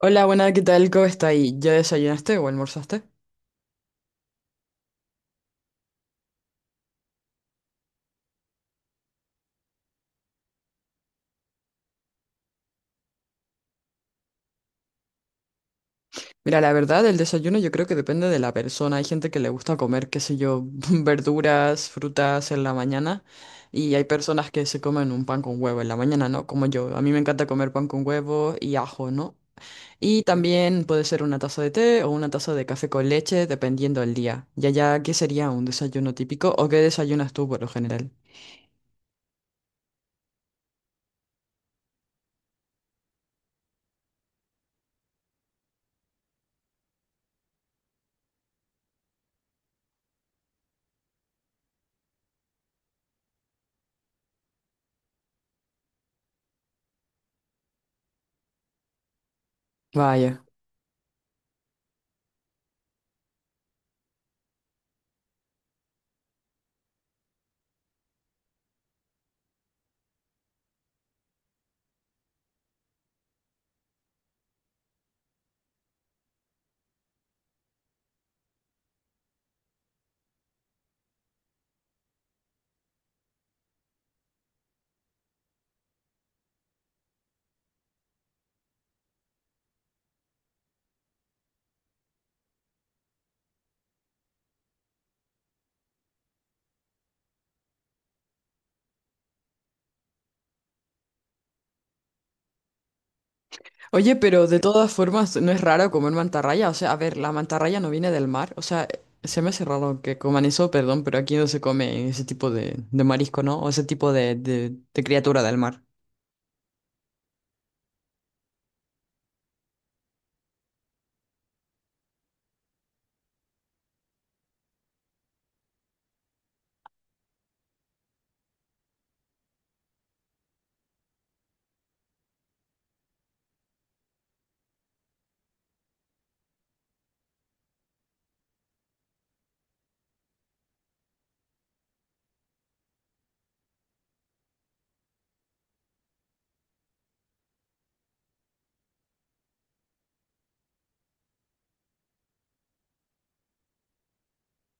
Hola, buenas, ¿qué tal? ¿Cómo está ahí? ¿Ya desayunaste o almorzaste? Mira, la verdad, el desayuno yo creo que depende de la persona. Hay gente que le gusta comer, qué sé yo, verduras, frutas en la mañana. Y hay personas que se comen un pan con huevo en la mañana, ¿no? Como yo. A mí me encanta comer pan con huevo y ajo, ¿no? Y también puede ser una taza de té o una taza de café con leche, dependiendo del día. Y allá, ¿qué sería un desayuno típico o qué desayunas tú por lo general? Vaya. Oye, pero de todas formas, no es raro comer mantarraya. O sea, a ver, la mantarraya no viene del mar. O sea, se me hace raro que coman eso, perdón, pero aquí no se come ese tipo de marisco, ¿no? O ese tipo de, de criatura del mar.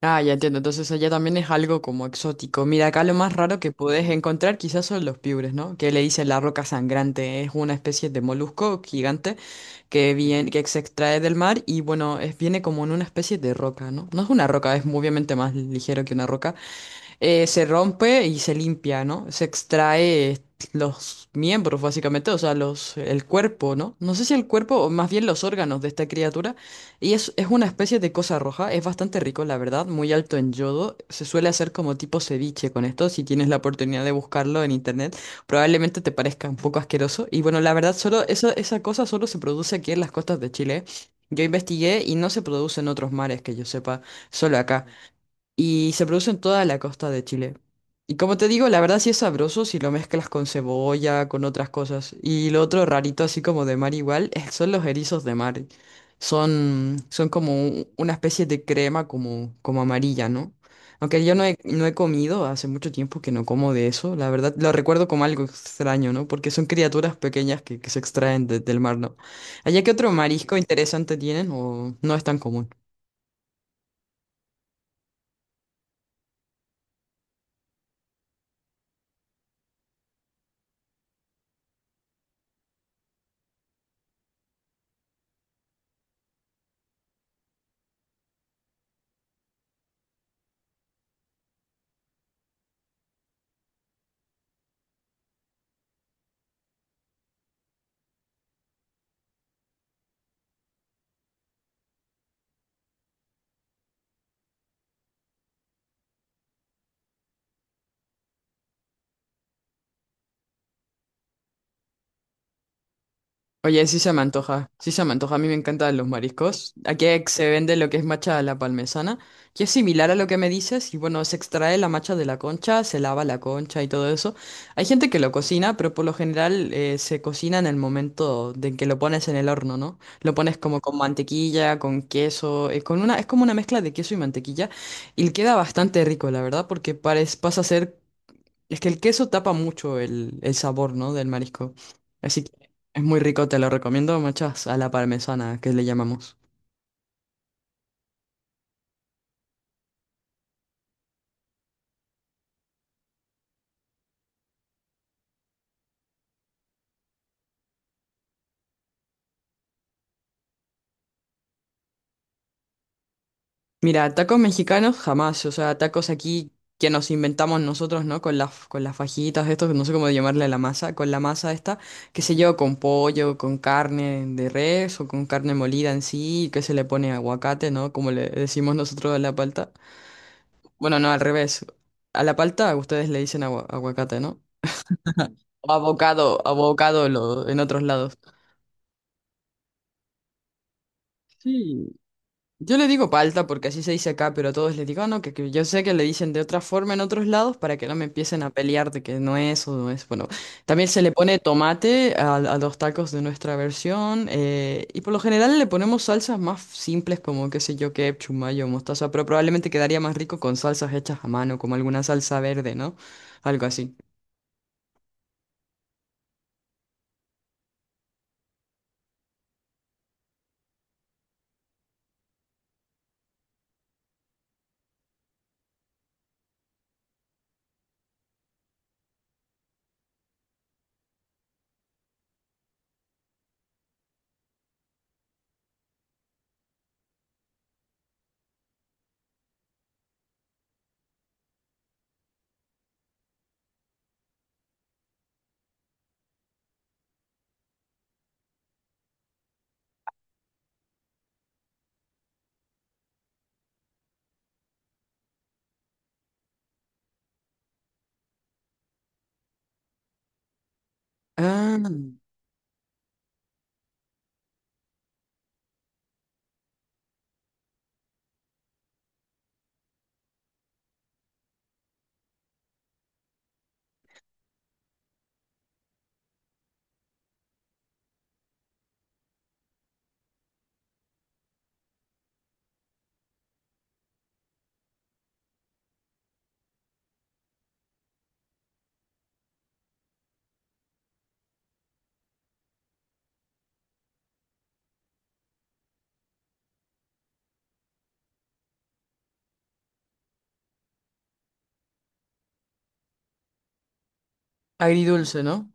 Ah, ya entiendo. Entonces allá también es algo como exótico. Mira, acá lo más raro que puedes encontrar quizás son los piures, ¿no? Que le dicen la roca sangrante. Es una especie de molusco gigante que, viene, que se extrae del mar y bueno, es, viene como en una especie de roca, ¿no? No es una roca, es obviamente más ligero que una roca se rompe y se limpia, ¿no? Se extrae los miembros, básicamente, o sea, los, el cuerpo, ¿no? No sé si el cuerpo, o más bien los órganos de esta criatura. Y es una especie de cosa roja, es bastante rico, la verdad, muy alto en yodo. Se suele hacer como tipo ceviche con esto, si tienes la oportunidad de buscarlo en internet, probablemente te parezca un poco asqueroso. Y bueno, la verdad, solo esa, esa cosa solo se produce aquí en las costas de Chile. Yo investigué y no se produce en otros mares que yo sepa, solo acá y se produce en toda la costa de Chile. Y como te digo, la verdad sí es sabroso si lo mezclas con cebolla, con otras cosas. Y lo otro rarito, así como de mar igual, es- son los erizos de mar. Son, son como un- una especie de crema como, como amarilla, ¿no? Aunque yo no he comido, hace mucho tiempo que no como de eso, la verdad lo recuerdo como algo extraño, ¿no? Porque son criaturas pequeñas que se extraen de- del mar, ¿no? ¿Allá qué otro marisco interesante tienen o no es tan común? Oye, sí se me antoja, sí se me antoja, a mí me encantan los mariscos. Aquí se vende lo que es macha a la palmesana, que es similar a lo que me dices, y bueno, se extrae la macha de la concha, se lava la concha y todo eso. Hay gente que lo cocina, pero por lo general se cocina en el momento de que lo pones en el horno, ¿no? Lo pones como con mantequilla, con queso, con una, es como una mezcla de queso y mantequilla, y queda bastante rico, la verdad, porque parece, pasa a ser es que el queso tapa mucho el sabor, ¿no?, del marisco. Así que es muy rico, te lo recomiendo, machas, a la parmesana, que le llamamos. Mira, tacos mexicanos jamás, o sea, tacos aquí que nos inventamos nosotros, ¿no? Con las fajitas, estos, no sé cómo llamarle a la masa, con la masa esta, qué sé yo, con pollo, con carne de res o con carne molida en sí, que se le pone aguacate, ¿no? Como le decimos nosotros a la palta. Bueno, no, al revés. A la palta ustedes le dicen agua- aguacate, ¿no? O abocado, abocado lo- en otros lados. Sí. Yo le digo palta porque así se dice acá, pero a todos les digo, "Ah, no, que yo sé que le dicen de otra forma en otros lados para que no me empiecen a pelear de que no es o no es. Bueno, también se le pone tomate a los tacos de nuestra versión y por lo general le ponemos salsas más simples como, qué sé yo, ketchup, mayo, mostaza, pero probablemente quedaría más rico con salsas hechas a mano, como alguna salsa verde, ¿no? Algo así. Ah, agridulce, ¿no?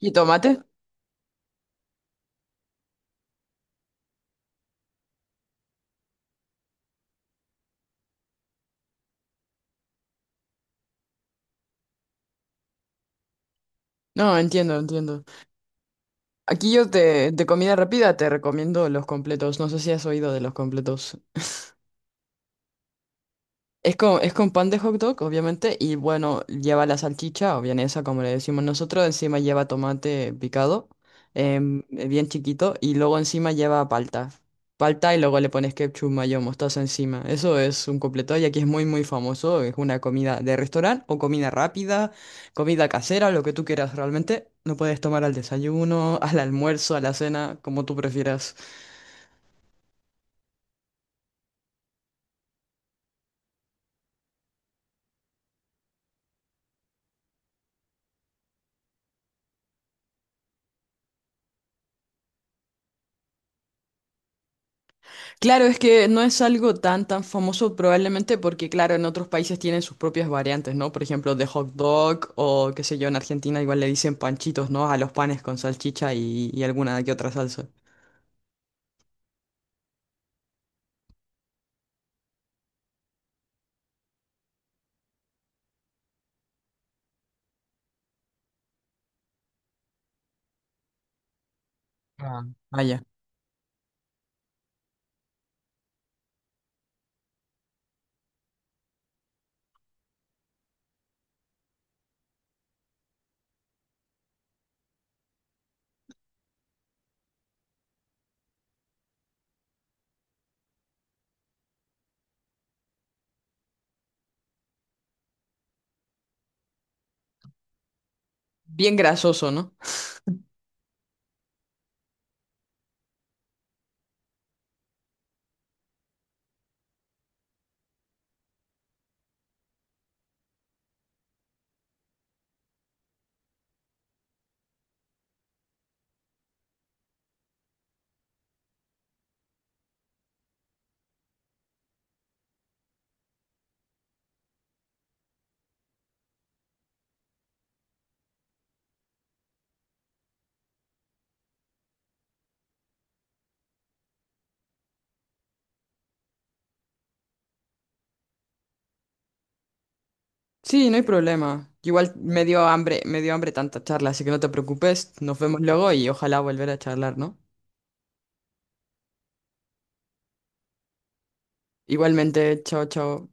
¿Y tomate? No, entiendo, entiendo. Aquí yo te, de comida rápida te recomiendo los completos. No sé si has oído de los completos. Es con pan de hot dog, obviamente, y bueno, lleva la salchicha o vienesa, como le decimos nosotros. Encima lleva tomate picado, bien chiquito, y luego encima lleva palta. Palta y luego le pones ketchup, mayo, mostaza encima. Eso es un completo y aquí es muy, muy famoso. Es una comida de restaurante o comida rápida, comida casera, lo que tú quieras realmente. Lo puedes tomar al desayuno, al almuerzo, a la cena, como tú prefieras. Claro, es que no es algo tan tan famoso probablemente porque, claro, en otros países tienen sus propias variantes, ¿no? Por ejemplo, de hot dog o qué sé yo, en Argentina igual le dicen panchitos, ¿no? A los panes con salchicha y alguna que otra salsa. Ah. Vaya. Bien grasoso, ¿no? Sí, no hay problema. Igual me dio hambre tanta charla, así que no te preocupes. Nos vemos luego y ojalá volver a charlar, ¿no? Igualmente, chao, chao.